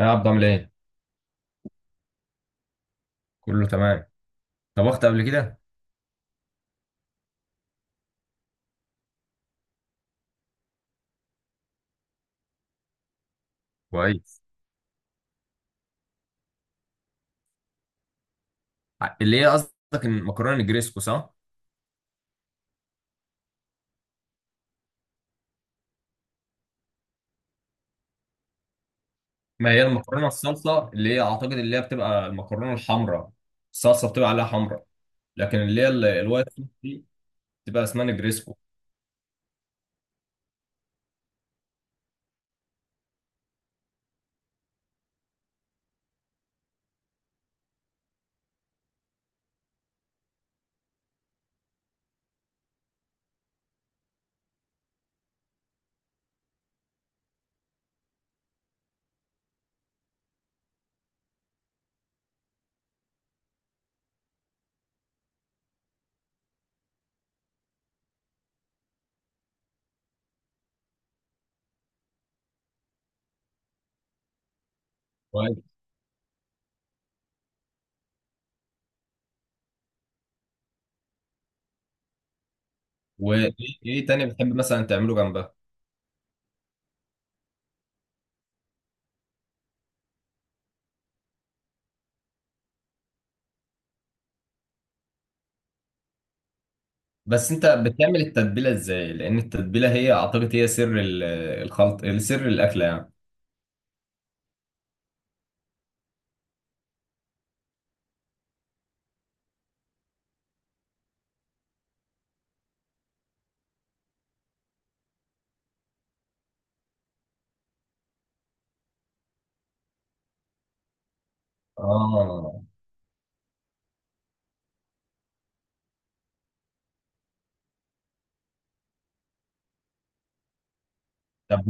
يا عبد، عامل ايه؟ كله تمام. طبخت قبل كده؟ كويس. اللي هي قصدك المكرونه الجريسكو صح؟ ما هي المكرونه الصلصه اللي هي اعتقد اللي هي بتبقى المكرونه الحمراء. الصلصه بتبقى عليها حمراء، لكن اللي هي الوايت صوص دي بتبقى اسمها نجريسكو. كويس. وايه، إيه تاني بتحب مثلا تعمله جنبها؟ بس انت بتعمل التتبيله ازاي؟ لان التتبيله هي اعتقد هي الخلط، سر الاكله يعني. اه، طب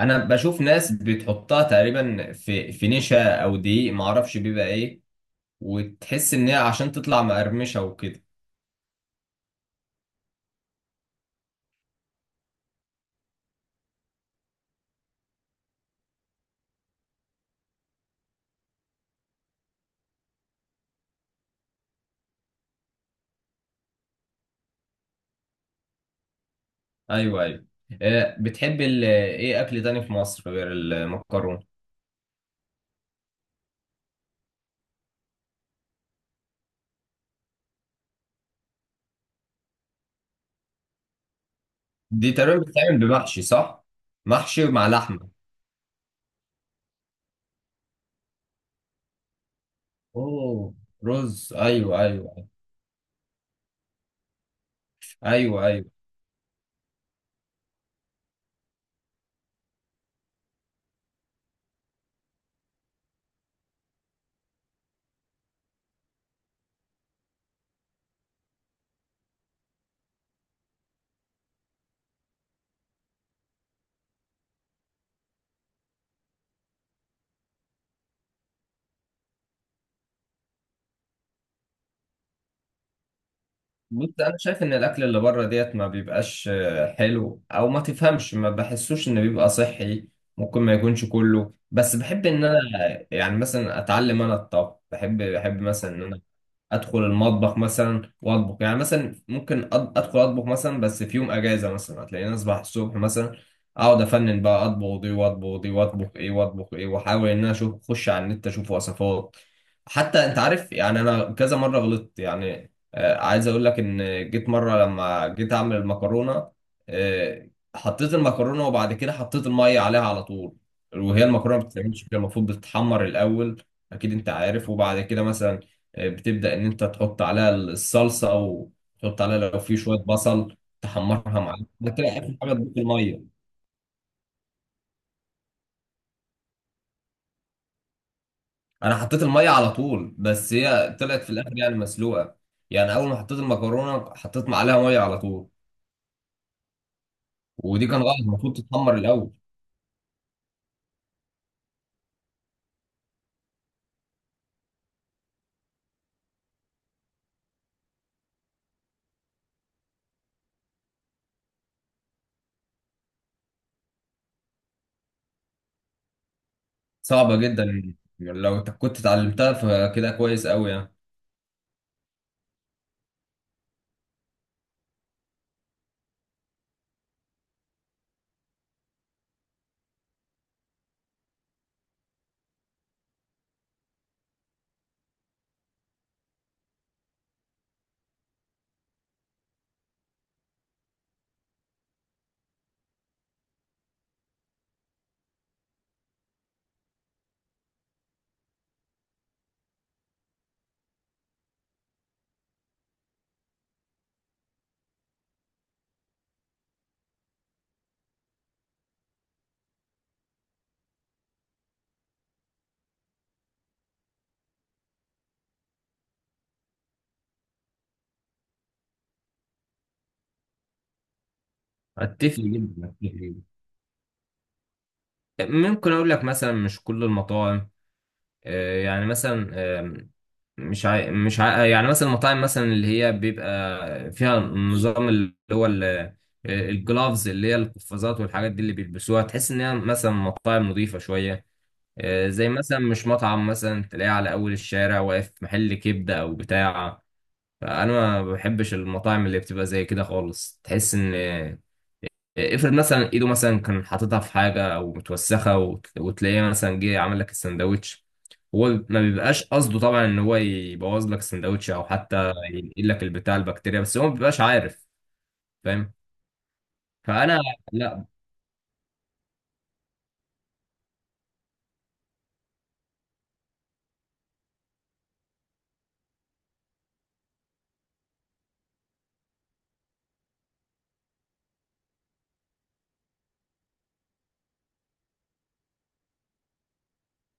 انا بشوف ناس بتحطها تقريبا في نشا او دقيق ما اعرفش بيبقى ايه، وتحس ان هي عشان تطلع مقرمشه وكده. ايوه، ايوه. بتحب ايه اكل تاني في مصر غير المكرونه؟ دي تقريبا بتتعمل بمحشي صح؟ محشي مع لحمه. اوه، رز. ايوه، ايوه. ايوه، ايوه. بص، انا شايف ان الاكل اللي بره ديت ما بيبقاش حلو، او ما تفهمش ما بحسوش انه بيبقى صحي. ممكن ما يكونش كله، بس بحب ان انا يعني مثلا اتعلم انا الطبخ. بحب مثلا ان انا ادخل المطبخ مثلا واطبخ. يعني مثلا ممكن ادخل اطبخ مثلا، بس في يوم اجازه مثلا هتلاقيني اصبح الصبح مثلا اقعد افنن بقى، اطبخ دي واطبخ دي واطبخ ايه واطبخ ايه، واحاول ان انا اشوف، اخش على النت اشوف وصفات. حتى انت عارف، يعني انا كذا مره غلطت. يعني عايز اقول لك ان جيت مره، لما جيت اعمل المكرونه آه، حطيت المكرونه وبعد كده حطيت الميه عليها على طول. وهي المكرونه ما بتتعملش كده، المفروض بتتحمر الاول. اكيد انت عارف. وبعد كده مثلا بتبدأ إن أنت تحط عليها الصلصة، أو تحط عليها لو في شوية بصل تحمرها معاك، بتلاقي آخر حاجة تضيف المية. أنا حطيت المية على طول، بس هي طلعت في الآخر يعني مسلوقة. يعني أول ما حطيت المكرونة حطيت معلقة مية على طول. ودي كان غلط، المفروض تتحمر الأول. صعبة جدا. لو أنت كنت اتعلمتها فكده كويس أوي يعني. أتفق جدا، أتفق جدا. ممكن أقول لك مثلا مش كل المطاعم. يعني مثلا، مش عا... مش عا... يعني مثلا المطاعم مثلا اللي هي بيبقى فيها نظام اللي هو الجلافز، اللي هي القفازات والحاجات دي اللي بيلبسوها، تحس ان هي مثلا مطاعم نظيفة شوية. زي مثلا مش مطعم مثلا تلاقيه على اول الشارع واقف محل كبدة او بتاع. فانا ما بحبش المطاعم اللي بتبقى زي كده خالص. تحس ان افرض مثلا ايده مثلا كان حاططها في حاجه او متوسخه وتلاقيه مثلا جه عمل لك السندوتش. هو ما بيبقاش قصده طبعا ان هو يبوظ لك السندوتش او حتى ينقل لك البتاع البكتيريا، بس هو ما بيبقاش عارف. فاهم. فانا، لا.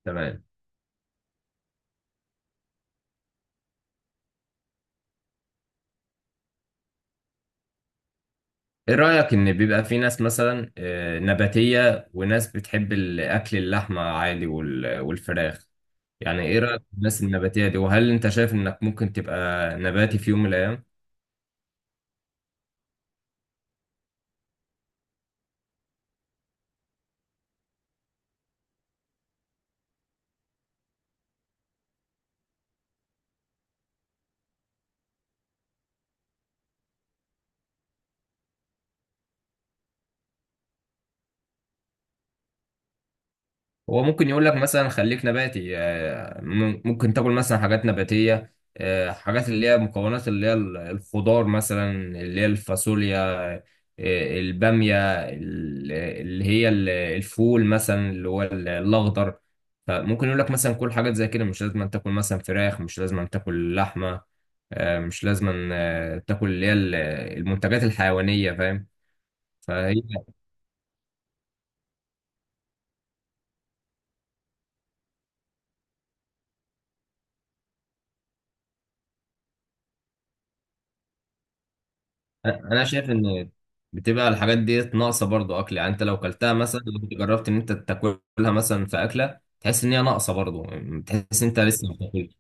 تمام. ايه رايك ان بيبقى في ناس مثلا نباتيه وناس بتحب الاكل اللحمه عادي والفراخ؟ يعني ايه رايك في الناس النباتيه دي؟ وهل انت شايف انك ممكن تبقى نباتي في يوم من الايام؟ هو ممكن يقول لك مثلا خليك نباتي، ممكن تاكل مثلا حاجات نباتية، حاجات اللي هي مكونات اللي هي الخضار مثلا، اللي هي الفاصوليا، البامية، اللي هي الفول مثلا اللي هو الأخضر. فممكن يقول لك مثلا كل حاجات زي كده، مش لازم أن تاكل مثلا فراخ، مش لازم أن تاكل لحمة، مش لازم أن تاكل اللي هي المنتجات الحيوانية. فاهم؟ فهي، أنا شايف ان بتبقى الحاجات دي ناقصه، برضو اكل يعني. انت لو كلتها مثلا، لو كنت جربت ان انت تاكلها مثلا في اكله تحس ان هي ناقصه برضو. تحس ان انت لسه ما بتاكلش.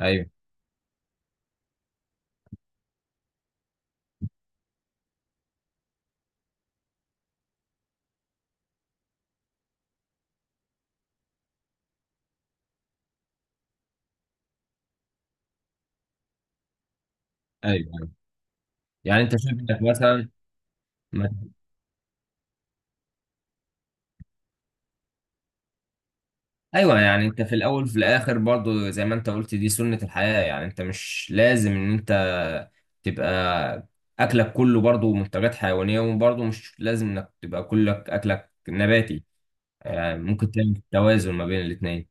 ايوه. ايوه، ايوه. يعني انت شايف انك مثلا ما- ايوه. يعني انت في الاول وفي الاخر برضو زي ما انت قلت دي سنه الحياه. يعني انت مش لازم ان انت تبقى اكلك كله برضو منتجات حيوانيه، وبرضو مش لازم انك تبقى كلك اكلك نباتي. يعني ممكن تعمل توازن ما بين الاثنين.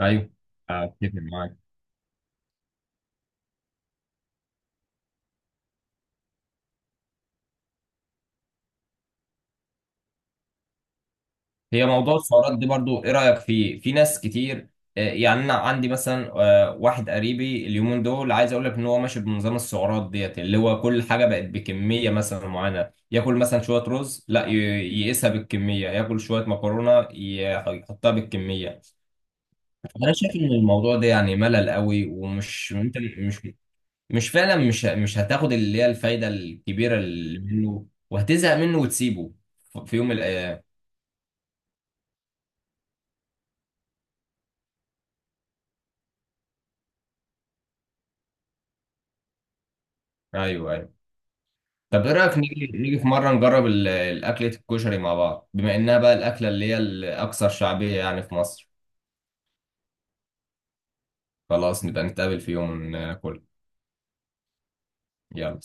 ايوه، اتفق معاك. هي موضوع السعرات دي برضو ايه رايك فيه؟ في ناس كتير، يعني انا عندي مثلا واحد قريبي اليومين دول، عايز اقول لك ان هو ماشي بنظام السعرات ديت، اللي هو كل حاجه بقت بكميه مثلا معينه. ياكل مثلا شويه رز، لا يقيسها بالكميه، ياكل شويه مكرونه يحطها بالكميه. انا شايف ان الموضوع ده يعني ملل قوي، ومش انت مش مش فعلا مش هتاخد اللي هي الفايده الكبيره اللي منه، وهتزهق منه وتسيبه في يوم من الايام. ايوه، ايوه. طب ايه رايك نيجي، في مره نجرب الاكله الكشري مع بعض، بما انها بقى الاكله اللي هي الاكثر شعبيه يعني في مصر؟ خلاص، نبقى نتقابل في يوم ناكل. يلا